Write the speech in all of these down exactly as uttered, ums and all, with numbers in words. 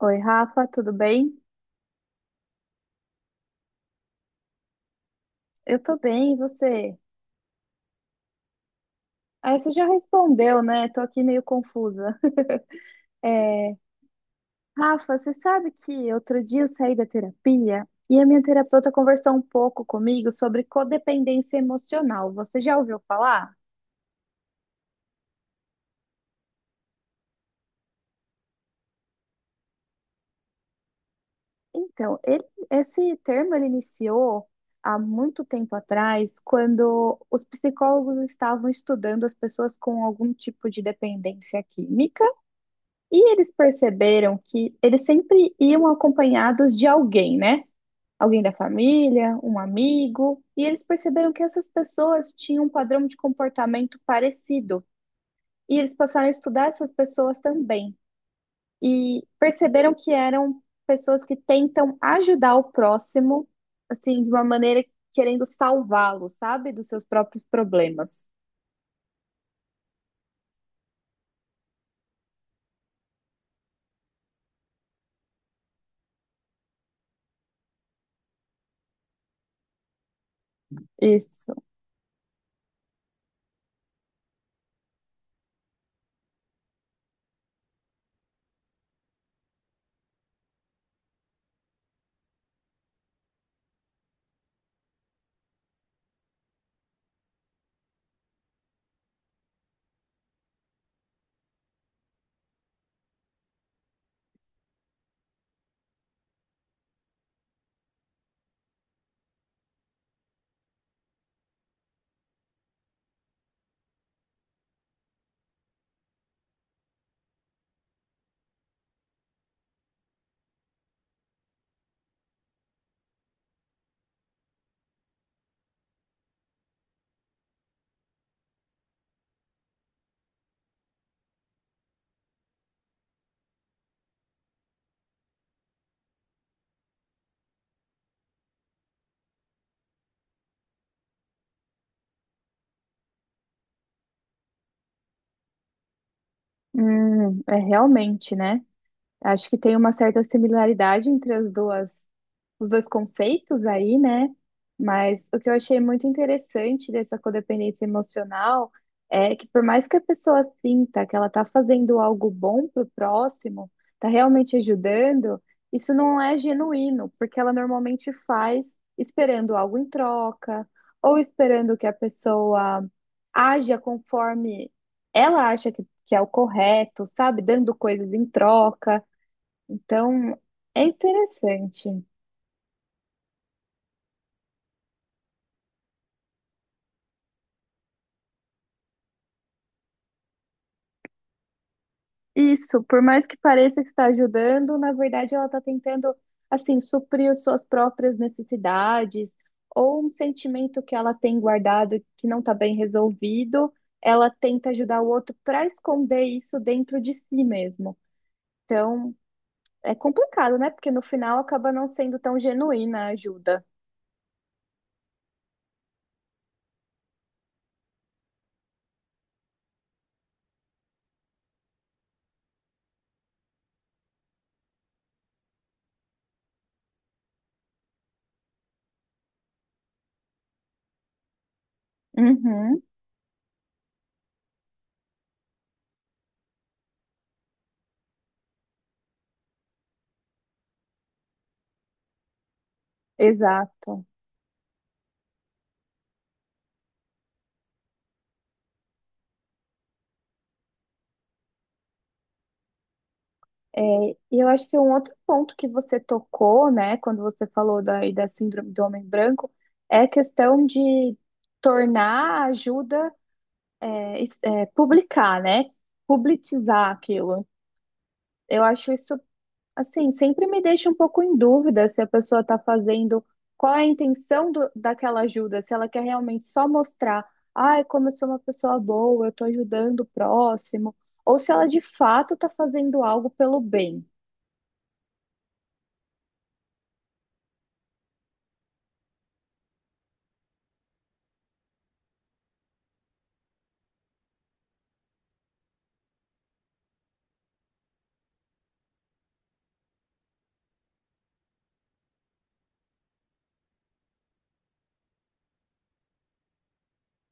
Oi, Rafa, tudo bem? Eu tô bem, e você? Ah, você já respondeu, né? Tô aqui meio confusa. É, Rafa, você sabe que outro dia eu saí da terapia e a minha terapeuta conversou um pouco comigo sobre codependência emocional. Você já ouviu falar? Então, ele- esse termo ele iniciou há muito tempo atrás, quando os psicólogos estavam estudando as pessoas com algum tipo de dependência química. E eles perceberam que eles sempre iam acompanhados de alguém, né? Alguém da família, um amigo. E eles perceberam que essas pessoas tinham um padrão de comportamento parecido. E eles passaram a estudar essas pessoas também. E perceberam que eram pessoas que tentam ajudar o próximo, assim, de uma maneira querendo salvá-lo, sabe? Dos seus próprios problemas. Isso. Hum, é realmente, né? Acho que tem uma certa similaridade entre as duas, os dois conceitos aí, né? Mas o que eu achei muito interessante dessa codependência emocional é que por mais que a pessoa sinta que ela está fazendo algo bom para o próximo, está realmente ajudando, isso não é genuíno, porque ela normalmente faz esperando algo em troca, ou esperando que a pessoa haja conforme ela acha que, que é o correto, sabe? Dando coisas em troca. Então, é interessante. Isso, por mais que pareça que está ajudando, na verdade ela está tentando, assim, suprir as suas próprias necessidades ou um sentimento que ela tem guardado que não está bem resolvido, ela tenta ajudar o outro para esconder isso dentro de si mesmo. Então, é complicado, né? Porque no final acaba não sendo tão genuína a ajuda. Uhum, exato. É, e eu acho que um outro ponto que você tocou, né, quando você falou da, aí da síndrome do homem branco, é a questão de tornar a ajuda, é, es- é, publicar, né, publicizar aquilo. Eu acho isso, assim, sempre me deixa um pouco em dúvida se a pessoa está fazendo, qual é a intenção do- daquela ajuda, se ela quer realmente só mostrar, ai, como eu sou uma pessoa boa, eu estou ajudando o próximo, ou se ela de fato está fazendo algo pelo bem.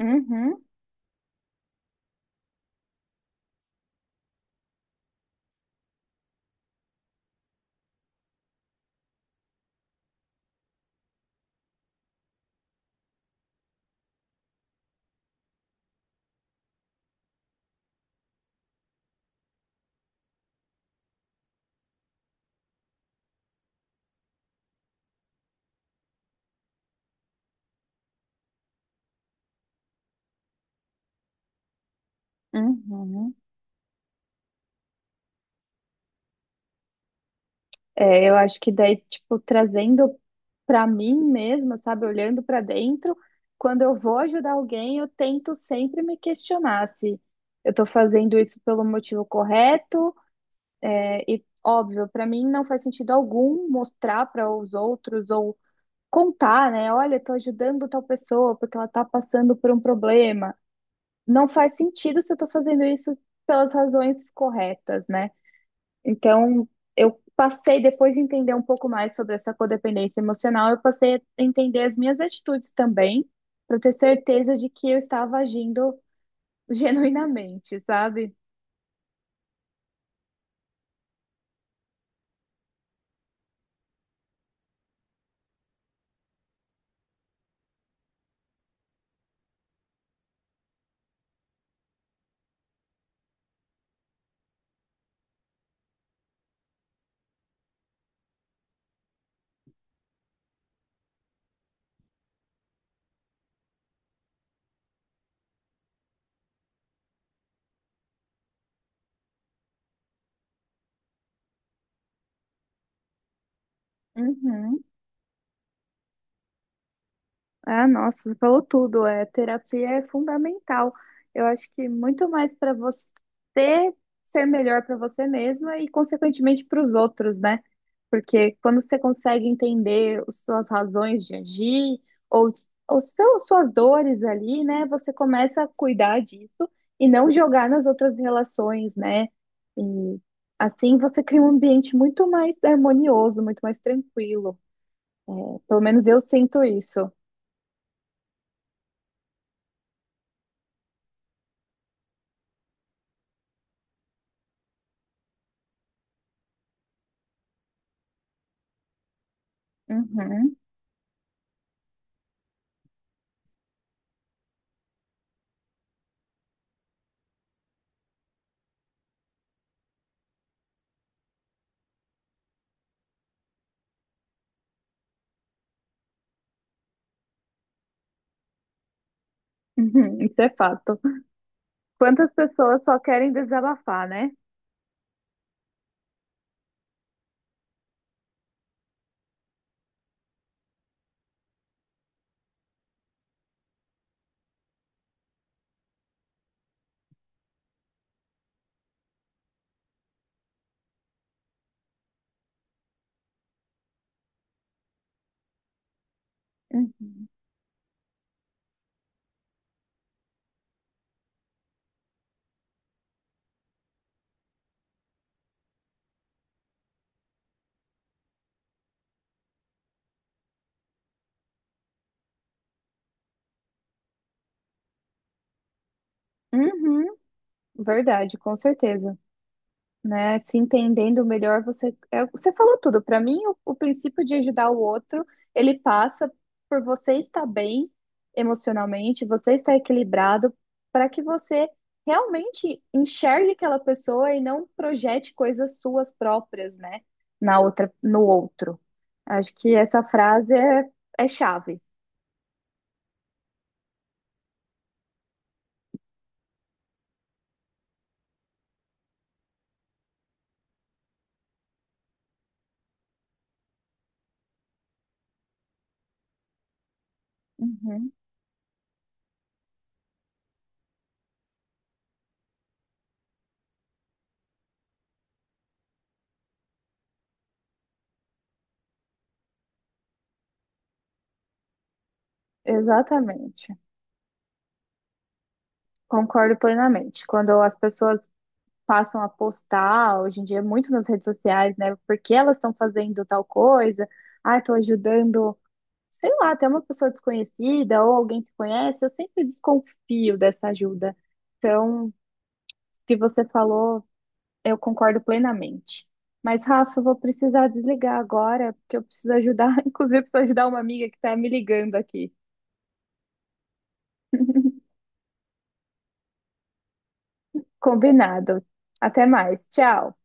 Uhum. Uhum. É, eu acho que daí, tipo, trazendo pra mim mesma, sabe, olhando pra dentro, quando eu vou ajudar alguém, eu tento sempre me questionar se eu tô fazendo isso pelo motivo correto, é, e óbvio, pra mim não faz sentido algum mostrar para os outros ou contar, né? Olha, tô ajudando tal pessoa porque ela tá passando por um problema. Não faz sentido se eu tô fazendo isso pelas razões corretas, né? Então, eu passei, depois de entender um pouco mais sobre essa codependência emocional, eu passei a entender as minhas atitudes também, para ter certeza de que eu estava agindo genuinamente, sabe? Uhum. Ah, nossa, você falou tudo. É, terapia é fundamental. Eu acho que muito mais para você ser melhor para você mesma e, consequentemente, para os outros, né? Porque quando você consegue entender as suas razões de agir ou, ou seu, suas dores ali, né? Você começa a cuidar disso e não jogar nas outras relações, né? E assim você cria um ambiente muito mais harmonioso, muito mais tranquilo. Pelo menos eu sinto isso. Uhum. Uhum, isso é fato. Quantas pessoas só querem desabafar, né? Uhum, uhum, verdade, com certeza. Né? Se entendendo melhor, você, é, você falou tudo. Para mim, o, o princípio de ajudar o outro, ele passa por você estar bem emocionalmente, você estar equilibrado, para que você realmente enxergue aquela pessoa e não projete coisas suas próprias, né? Na outra, no outro. Acho que essa frase é, é chave. Uhum. Exatamente. Concordo plenamente. Quando as pessoas passam a postar, hoje em dia, muito nas redes sociais, né? Porque elas estão fazendo tal coisa, ah, estou ajudando, sei lá, até uma pessoa desconhecida ou alguém que conhece, eu sempre desconfio dessa ajuda. Então, o que você falou, eu concordo plenamente. Mas, Rafa, eu vou precisar desligar agora, porque eu preciso ajudar, inclusive, preciso ajudar uma amiga que está me ligando aqui. Combinado. Até mais. Tchau.